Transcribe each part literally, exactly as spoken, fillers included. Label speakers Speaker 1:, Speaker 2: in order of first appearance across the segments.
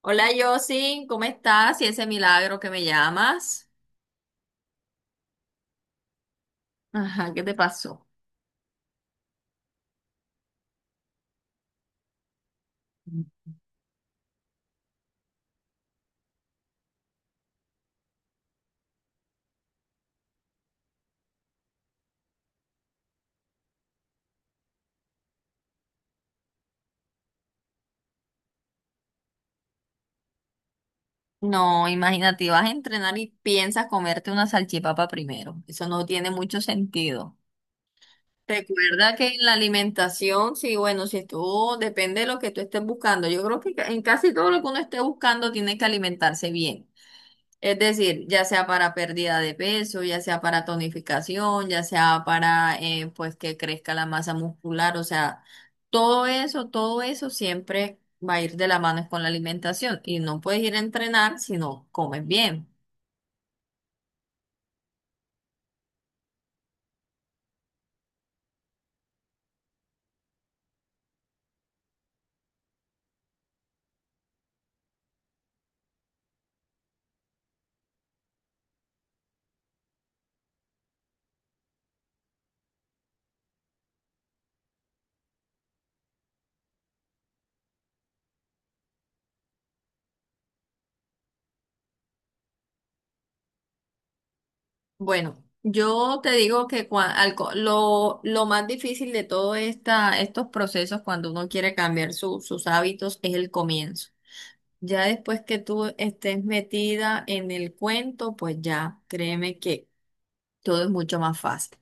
Speaker 1: Hola, Josin, ¿cómo estás? Y ese milagro que me llamas. Ajá, ¿qué te pasó? No, imagínate, vas a entrenar y piensas comerte una salchipapa primero. Eso no tiene mucho sentido. Recuerda que en la alimentación, sí, bueno, si tú, depende de lo que tú estés buscando. Yo creo que ca- en casi todo lo que uno esté buscando tiene que alimentarse bien. Es decir, ya sea para pérdida de peso, ya sea para tonificación, ya sea para eh, pues que crezca la masa muscular, o sea, todo eso, todo eso siempre va a ir de la mano con la alimentación y no puedes ir a entrenar si no comes bien. Bueno, yo te digo que cua- al co- lo, lo más difícil de todos estos procesos cuando uno quiere cambiar su- sus hábitos es el comienzo. Ya después que tú estés metida en el cuento, pues ya, créeme que todo es mucho más fácil.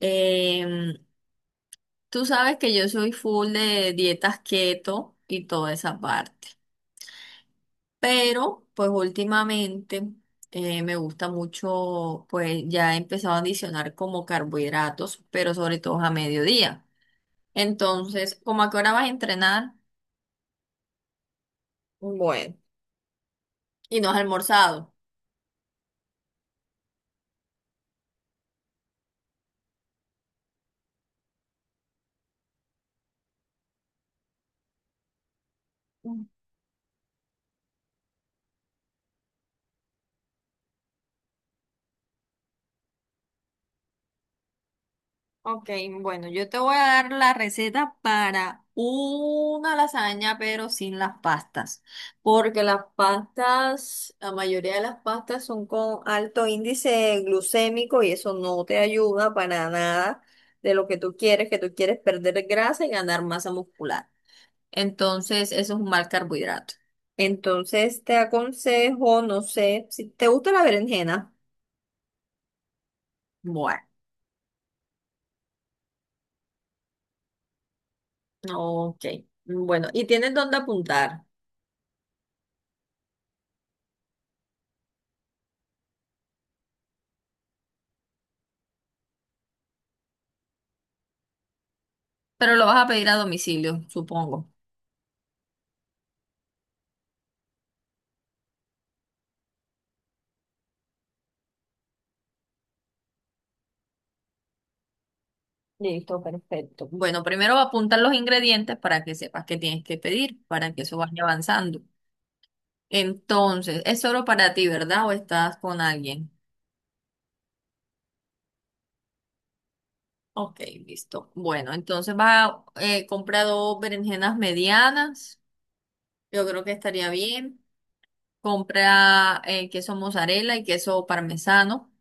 Speaker 1: Em, Tú sabes que yo soy full de dietas keto y toda esa parte, pero pues últimamente eh, me gusta mucho, pues ya he empezado a adicionar como carbohidratos, pero sobre todo a mediodía. Entonces, ¿cómo a qué hora vas a entrenar? Bueno. Y no has almorzado. Ok, bueno, yo te voy a dar la receta para una lasaña, pero sin las pastas, porque las pastas, la mayoría de las pastas son con alto índice glucémico y eso no te ayuda para nada de lo que tú quieres, que tú quieres perder grasa y ganar masa muscular. Entonces, eso es un mal carbohidrato. Entonces, te aconsejo, no sé, si te gusta la berenjena. Bueno, ok. Bueno, ¿y tienes dónde apuntar? Pero lo vas a pedir a domicilio, supongo. Listo, perfecto. Bueno, primero apuntar los ingredientes para que sepas qué tienes que pedir, para que eso vaya avanzando. Entonces, es solo para ti, ¿verdad? ¿O estás con alguien? Ok, listo. Bueno, entonces vas a eh, comprar dos berenjenas medianas. Yo creo que estaría bien. Compra eh, queso mozzarella y queso parmesano.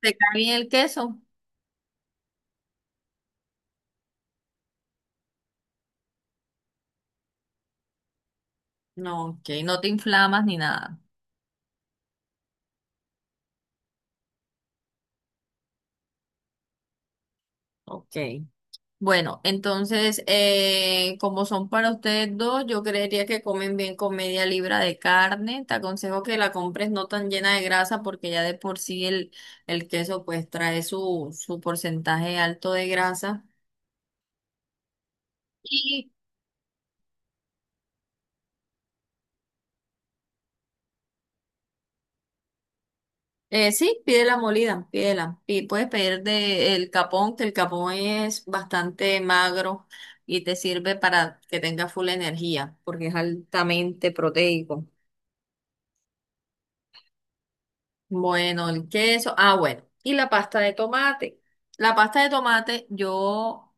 Speaker 1: ¿Te cae bien el queso? No, ok, no te inflamas ni nada. Ok. Bueno, entonces, eh, como son para ustedes dos, yo creería que comen bien con media libra de carne. Te aconsejo que la compres no tan llena de grasa porque ya de por sí el, el queso pues trae su, su porcentaje alto de grasa. Y eh, sí, pídela molida, pídela. Y puedes pedir de el capón, que el capón es bastante magro y te sirve para que tengas full energía porque es altamente proteico. Bueno, el queso. Ah, bueno. Y la pasta de tomate. La pasta de tomate, yo,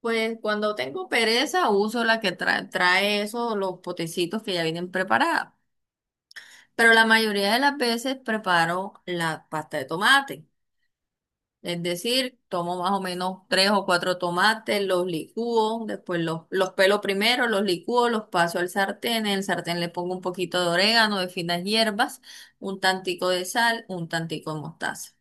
Speaker 1: pues cuando tengo pereza, uso la que trae, trae esos, los potecitos que ya vienen preparados. Pero la mayoría de las veces preparo la pasta de tomate. Es decir, tomo más o menos tres o cuatro tomates, los licúo, después los, los pelo primero, los licúo, los paso al sartén. En el sartén le pongo un poquito de orégano, de finas hierbas, un tantico de sal, un tantico de mostaza.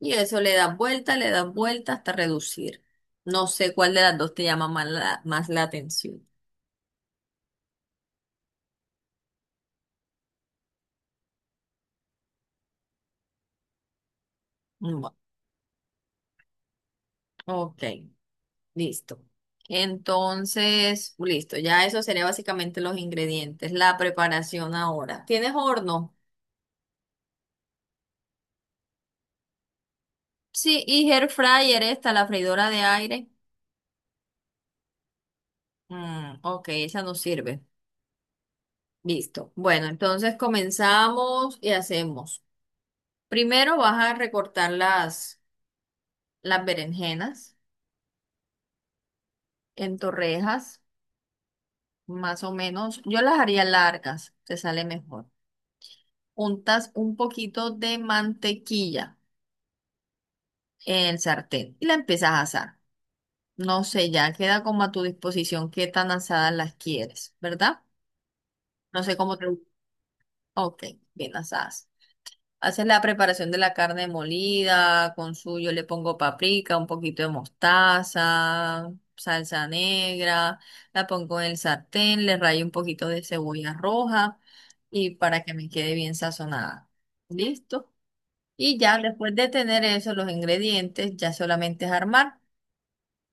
Speaker 1: Y eso le dan vuelta, le dan vuelta hasta reducir. No sé cuál de las dos te llama más la, más la atención. Bueno, ok, listo. Entonces, listo, ya eso sería básicamente los ingredientes, la preparación ahora. ¿Tienes horno? Sí, y air fryer esta, la freidora de aire. Mm, ok, esa nos sirve. Listo. Bueno, entonces comenzamos y hacemos. Primero vas a recortar las, las berenjenas en torrejas. Más o menos. Yo las haría largas, te sale mejor. Untas un poquito de mantequilla en el sartén y la empiezas a asar. No sé, ya queda como a tu disposición qué tan asadas las quieres, ¿verdad? No sé cómo te... Ok, bien asadas. Haces la preparación de la carne molida, con su, yo le pongo paprika, un poquito de mostaza, salsa negra, la pongo en el sartén, le rayo un poquito de cebolla roja y para que me quede bien sazonada. ¿Listo? Y ya después de tener eso, los ingredientes, ya solamente es armar.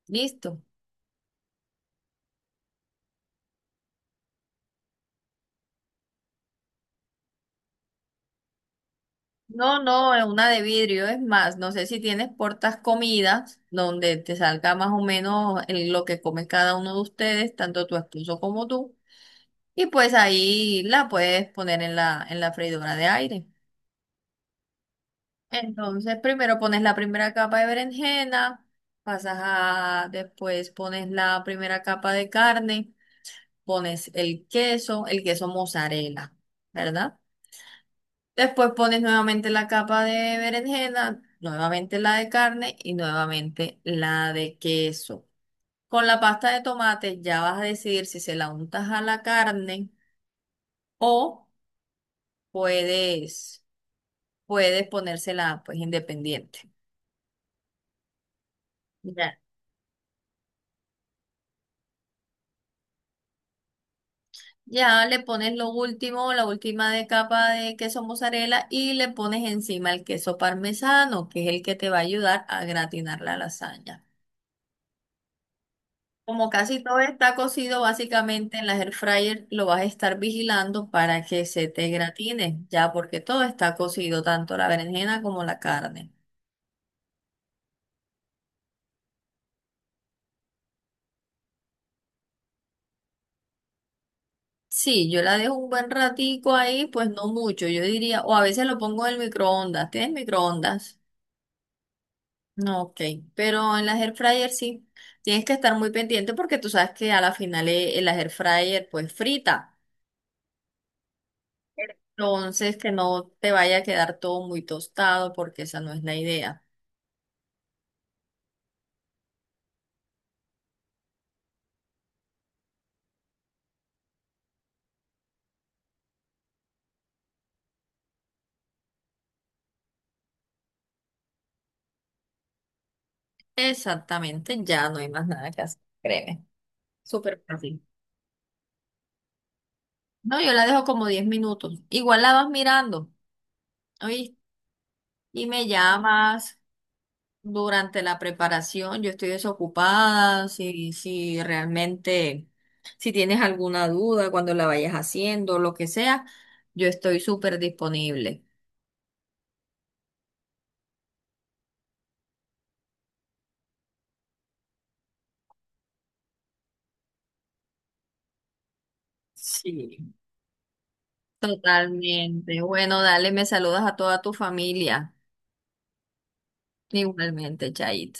Speaker 1: ¿Listo? No, no, es una de vidrio, es más, no sé si tienes portas comidas donde te salga más o menos el- lo que come cada uno de ustedes, tanto tu esposo como tú, y pues ahí la puedes poner en la, en la freidora de aire. Entonces, primero pones la primera capa de berenjena, pasas a, después pones la primera capa de carne, pones el queso, el queso mozzarella, ¿verdad? Después pones nuevamente la capa de berenjena, nuevamente la de carne y nuevamente la de queso. Con la pasta de tomate ya vas a decidir si se la untas a la carne o puedes, puedes ponérsela pues independiente. Ya. Ya le pones lo último, la última de capa de queso mozzarella y le pones encima el queso parmesano, que es el que te va a ayudar a gratinar la lasaña. Como casi todo está cocido, básicamente en la air fryer lo vas a estar vigilando para que se te gratine, ya porque todo está cocido, tanto la berenjena como la carne. Sí, yo la dejo un buen ratico ahí, pues no mucho, yo diría, o a veces lo pongo en el microondas. ¿Tienes microondas? No, ok, pero en las air fryer sí, tienes que estar muy pendiente porque tú sabes que a la final eh, el air fryer pues frita, entonces que no te vaya a quedar todo muy tostado porque esa no es la idea. Exactamente, ya no hay más nada que hacer, créeme. Súper fácil. No, yo la dejo como diez minutos. Igual la vas mirando, ¿oíste? Y me llamas durante la preparación. Yo estoy desocupada. Si, si realmente, si tienes alguna duda cuando la vayas haciendo, lo que sea, yo estoy súper disponible. Sí. Totalmente. Bueno, dale, me saludas a toda tu familia. Igualmente, Chait.